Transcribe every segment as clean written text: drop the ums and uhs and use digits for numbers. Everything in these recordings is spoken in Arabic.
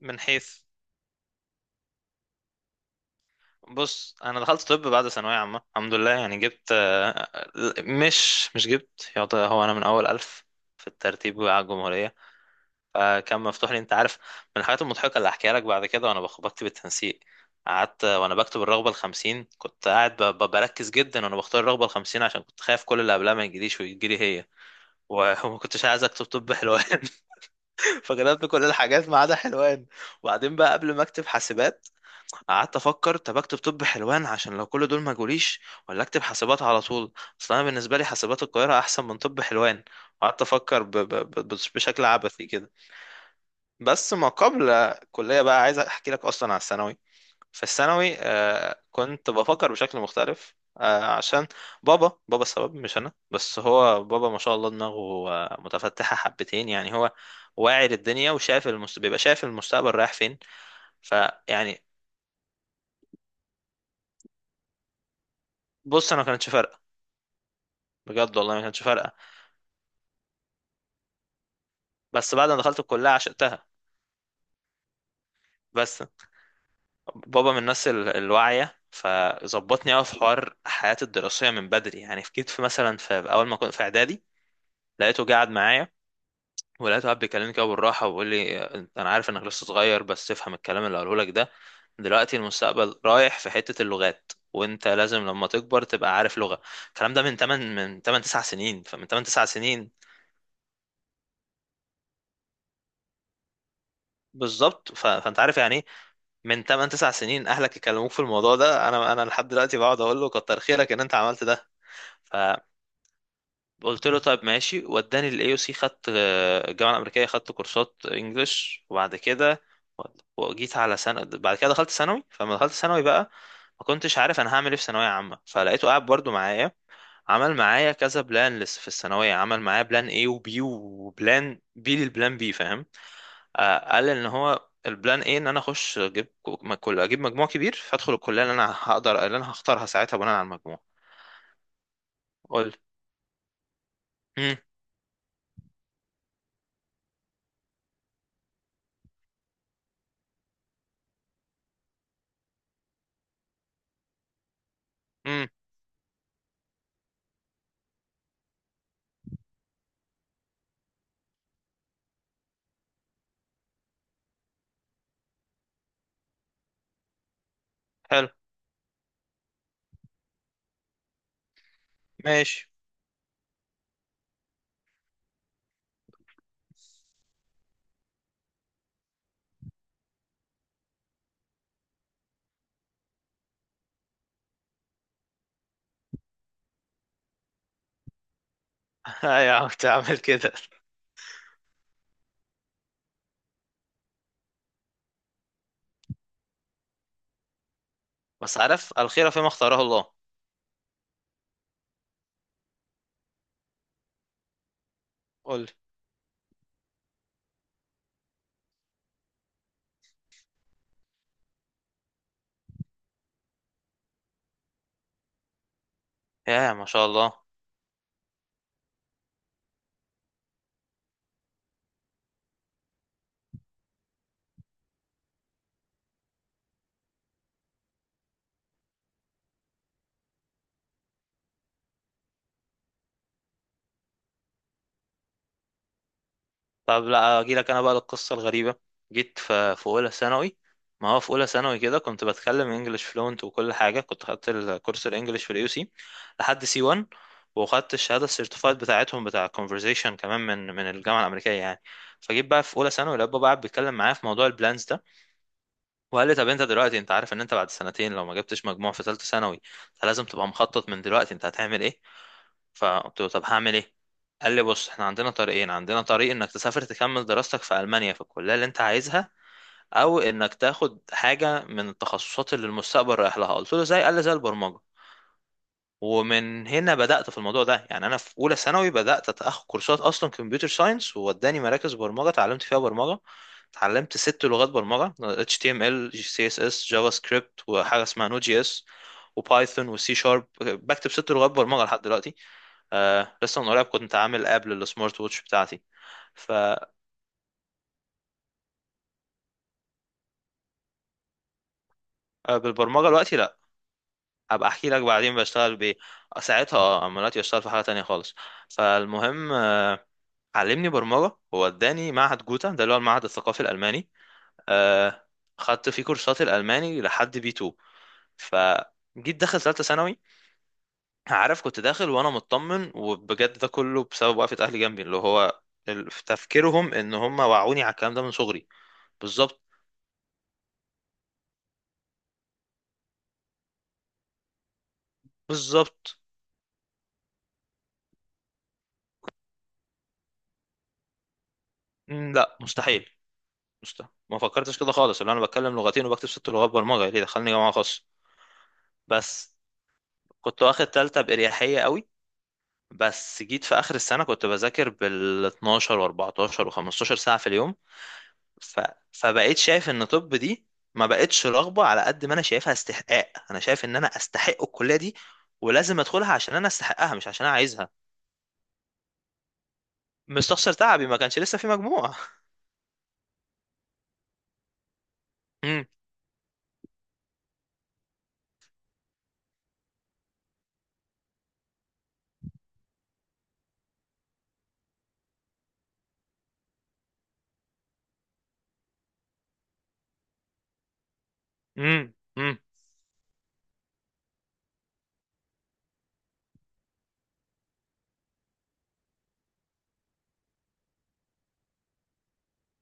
من حيث. بص، انا دخلت طب بعد ثانويه عامه الحمد لله. يعني جبت، مش جبت يعطى، هو انا من اول الف في الترتيب على الجمهوريه. فكان مفتوح لي. انت عارف من الحاجات المضحكه اللي هحكيها لك بعد كده، وانا بكتب التنسيق. قعدت وانا بكتب الرغبه الخمسين، كنت قاعد بركز جدا وانا بختار الرغبه الخمسين عشان كنت خايف كل اللي قبلها ما يجيليش ويجيلي هي. وما كنتش عايز اكتب طب حلوان. فكتبت كل الحاجات ما عدا حلوان. وبعدين بقى قبل ما اكتب حاسبات، قعدت افكر، طب اكتب طب حلوان عشان لو كل دول ما جوليش، ولا اكتب حاسبات على طول. اصل انا بالنسبه لي حاسبات القاهره احسن من طب حلوان. قعدت افكر بشكل عبثي كده. بس ما قبل الكليه بقى، عايز احكي لك اصلا على الثانوي. في الثانوي آه كنت بفكر بشكل مختلف آه، عشان بابا السبب، مش انا بس، هو بابا ما شاء الله دماغه متفتحه حبتين. يعني هو واعي للدنيا وشايف بيبقى شايف المستقبل رايح فين. فيعني بص انا ما كانتش فارقه، بجد والله ما كانتش فارقه. بس بعد ما دخلت الكليه عشقتها. بس بابا من الناس الواعيه، فظبطني قوي في حوار حياتي الدراسيه من بدري. يعني كنت في مثلا في اول ما كنت في اعدادي لقيته قاعد معايا، ولقيته قاعد بيكلمني كده بالراحه وبيقول لي انا عارف انك لسه صغير بس تفهم الكلام اللي قاله لك ده. دلوقتي المستقبل رايح في حته اللغات، وانت لازم لما تكبر تبقى عارف لغه. الكلام ده من 8، من 8 9 سنين. فمن 8 9 سنين بالظبط. فانت عارف يعني ايه من 8 9 سنين اهلك يكلموك في الموضوع ده. انا لحد دلوقتي بقعد اقول له كتر خيرك ان انت عملت ده. فقلت له طيب ماشي. وداني الاي او سي، خدت الجامعه الامريكيه، خدت كورسات انجلش، وبعد كده وجيت على سنه. بعد كده دخلت ثانوي. فلما دخلت ثانوي بقى، ما كنتش عارف انا هعمل ايه في ثانويه عامه. فلقيته قاعد برضو معايا. عمل معايا كذا بلان لسه في الثانويه، عمل معايا بلان اي وبي، وبلان بي للبلان بي، فاهم؟ آه، قال ان هو البلان ايه، ان انا اخش اجيب كو- ما- كل اجيب مجموع كبير، فادخل الكليه اللي انا هقدر اللي انا هختارها ساعتها بناء على المجموع. قلت، امم، امم، حلو، ماشي. ايوه، كنت عامل كده. بس عارف الخيره فيما اختاره الله. قلت يا ما شاء الله. طب لا اجي لك انا بقى للقصه الغريبه. جيت في اولى ثانوي. ما هو في اولى ثانوي كده كنت بتكلم انجلش فلونت وكل حاجه. كنت خدت الكورس الانجليش في اليو سي لحد سي 1، وخدت الشهاده السيرتيفايد بتاعتهم بتاع conversation كمان من الجامعه الامريكيه يعني. فجيت بقى في اولى ثانوي، الاب بقى قاعد بيتكلم معايا في موضوع البلانز ده، وقال لي طب انت دلوقتي انت عارف ان انت بعد سنتين لو ما جبتش مجموع في ثالثه ثانوي، فلازم تبقى مخطط من دلوقتي انت هتعمل ايه. فقلت له طب هعمل ايه؟ قال لي بص، احنا عندنا طريقين، عندنا طريق انك تسافر تكمل دراستك في المانيا في الكليه اللي انت عايزها، او انك تاخد حاجه من التخصصات اللي المستقبل رايح لها. قلت له زي، قال لي زي البرمجه. ومن هنا بدأت في الموضوع ده. يعني انا في اولى ثانوي بدأت اخد كورسات اصلا كمبيوتر ساينس، ووداني مراكز برمجة اتعلمت فيها برمجة. اتعلمت ست لغات برمجة، HTML، CSS، جافا سكريبت، وحاجة اسمها نود جي اس، وبايثون، وسي شارب. بكتب ست لغات برمجة لحد دلوقتي. آه لسه من قريب كنت عامل اب للسمارت ووتش بتاعتي. فبالبرمجة دلوقتي لا، ابقى احكي لك بعدين بشتغل بايه. ساعتها اه، اما دلوقتي بشتغل في حاجة تانية خالص. فالمهم علمني برمجة، ووداني معهد جوتا ده اللي هو المعهد الثقافي الألماني. آه، خدت فيه كورسات الألماني لحد بي 2. فجيت داخل ثالثة ثانوي. عارف كنت داخل وأنا مطمن، وبجد ده كله بسبب وقفة أهلي جنبي، اللي هو في تفكيرهم إن هم وعوني على الكلام ده من صغري. بالظبط، بالظبط. مم، لا مستحيل. مستحيل، ما فكرتش كده خالص. اللي أنا بتكلم لغتين وبكتب ست لغات برمجة، ليه دخلني جامعة خاصة؟ بس كنت واخد تالتة بإريحية قوي. بس جيت في اخر السنه كنت بذاكر بال 12 و14 و15 ساعه في اليوم. ف... فبقيت شايف ان طب دي ما بقتش رغبه على قد ما انا شايفها استحقاق. انا شايف ان انا استحق الكليه دي، ولازم ادخلها عشان انا استحقها، مش عشان انا عايزها. مستخسر تعبي، ما كانش لسه في مجموع. امم، امم، امم،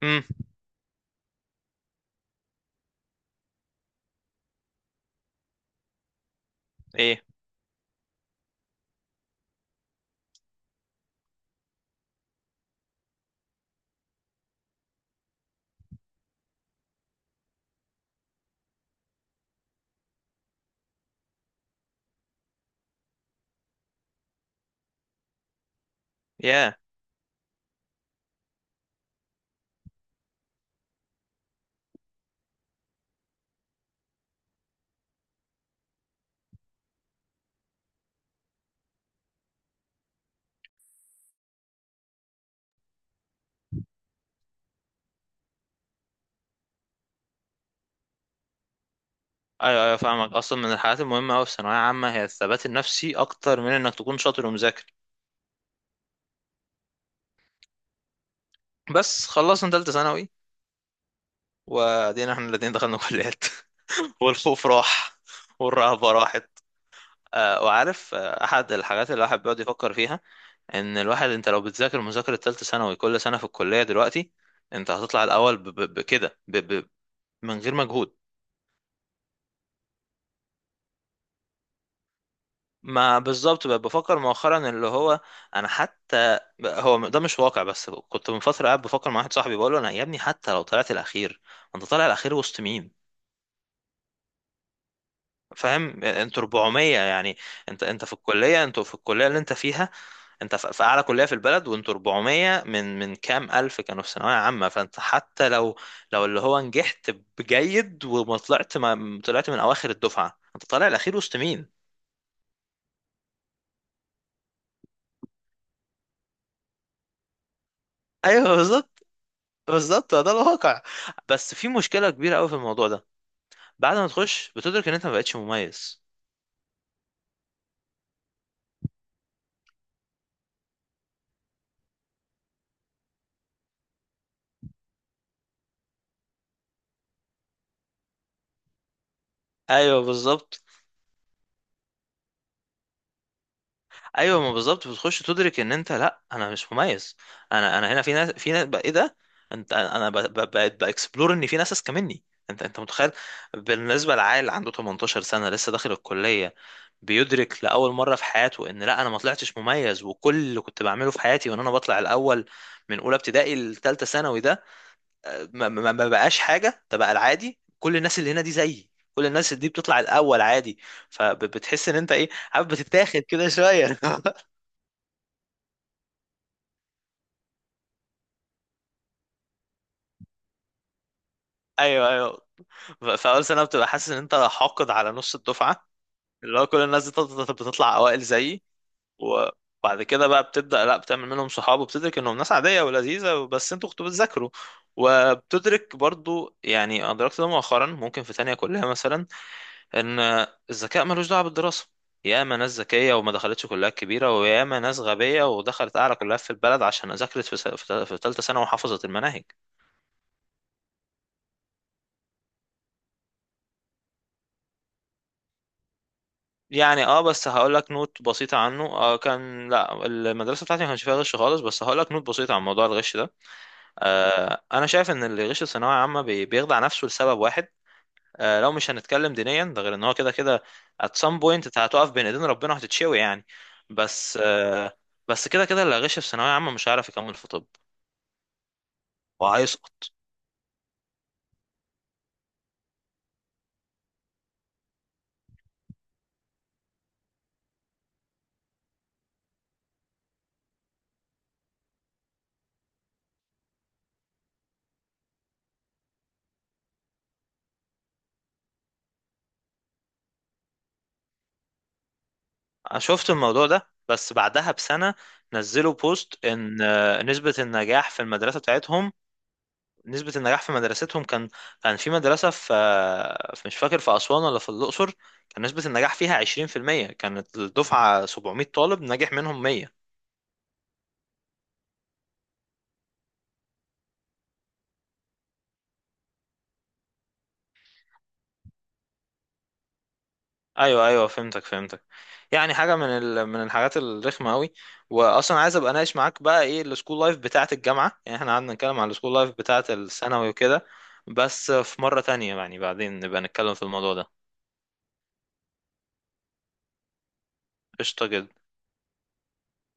امم، ايه يا. ايوه ايوه فاهمك. اصلا من الحاجات المهمه قوي في ثانويه عامه هي الثبات النفسي اكتر من انك تكون شاطر ومذاكر. بس خلصنا ثالثه ثانوي، وادينا احنا الاتنين دخلنا كليات. والخوف راح، والرهبة راحت. وعارف أحد الحاجات اللي الواحد بيقعد يفكر فيها، إن الواحد أنت لو بتذاكر مذاكرة تالتة ثانوي كل سنة في الكلية دلوقتي أنت هتطلع الأول بكده من غير مجهود. ما بالظبط، بقى بفكر مؤخرا اللي هو، أنا حتى، هو ده مش واقع. بس كنت من فترة قاعد بفكر مع واحد صاحبي بقول له أنا يا ابني، حتى لو طلعت الأخير، أنت طالع الأخير وسط مين؟ فاهم انتوا 400 يعني. انت في الكليه، انتوا في الكليه اللي انت فيها، انت في اعلى كليه في البلد، وانتوا 400 من كام الف كانوا في ثانويه عامه. فانت حتى لو، لو اللي هو نجحت بجيد وما طلعت، ما طلعت من اواخر الدفعه، انت طالع الاخير وسط مين. ايوه بالظبط. بالظبط ده الواقع. بس في مشكله كبيره قوي في الموضوع ده، بعد ما تخش بتدرك ان انت ما بقتش مميز. ايوه بالظبط. ايوه ما بالظبط، بتخش تدرك ان انت، لا انا مش مميز. انا هنا في ناس، في ناس بقى ايه ده. انت انا بقيت باكسبلور ان في ناس اذكى مني. انت متخيل، بالنسبه لعيل عنده 18 سنه لسه داخل الكليه، بيدرك لاول مره في حياته ان لا انا ما طلعتش مميز، وكل اللي كنت بعمله في حياتي وان انا بطلع الاول من اولى ابتدائي لثالثه ثانوي ده ما بقاش حاجه. ده بقى العادي، كل الناس اللي هنا دي زيي، كل الناس دي بتطلع الاول عادي. فبتحس ان انت ايه عارف، بتتاخد كده شويه. ايوه ايوه. فاول سنه بتبقى حاسس ان انت حاقد على نص الدفعه، اللي هو كل الناس بتطلع اوائل زيي. وبعد كده بقى بتبدا لا، بتعمل منهم صحاب وبتدرك انهم ناس عاديه ولذيذه، بس انتوا كنتوا بتذاكروا. وبتدرك برضو يعني، ادركت ده مؤخرا ممكن في تانية كلها مثلا، ان الذكاء ملوش دعوه بالدراسه. ياما ناس ذكيه وما دخلتش كليات كبيره، وياما ناس غبيه ودخلت اعلى كليات في البلد عشان ذاكرت في في تالتة ثانوي وحفظت المناهج. يعني اه، بس هقول لك نوت بسيطة عنه. آه، كان لا المدرسة بتاعتي ما كانش فيها غش خالص. بس هقول لك نوت بسيطة عن موضوع الغش ده. آه، انا شايف ان اللي غش الثانوية عامة بيخدع نفسه لسبب واحد. آه، لو مش هنتكلم دينيا، ده غير ان هو كده كده at some point انت هتقف بين ايدين ربنا وهتتشوي يعني. بس آه، بس كده كده اللي غش في ثانوية عامة مش هيعرف يكمل في طب، وهيسقط. انا شفت الموضوع ده بس بعدها بسنة، نزلوا بوست ان نسبة النجاح في المدرسة بتاعتهم، نسبة النجاح في مدرستهم كان، كان في مدرسة في مش فاكر في أسوان ولا في الأقصر، كان نسبة النجاح فيها 20%، كانت الدفعة 700 طالب نجح منهم 100. أيوه أيوه فهمتك فهمتك. يعني حاجة من من الحاجات الرخمة أوي. وأصلا عايز أبقى أناقش معاك بقى إيه السكول لايف بتاعة الجامعة، يعني إحنا قعدنا نتكلم عن السكول لايف بتاعة الثانوي وكده. بس في مرة تانية يعني، بعدين نبقى نتكلم في الموضوع ده. قشطة جدا.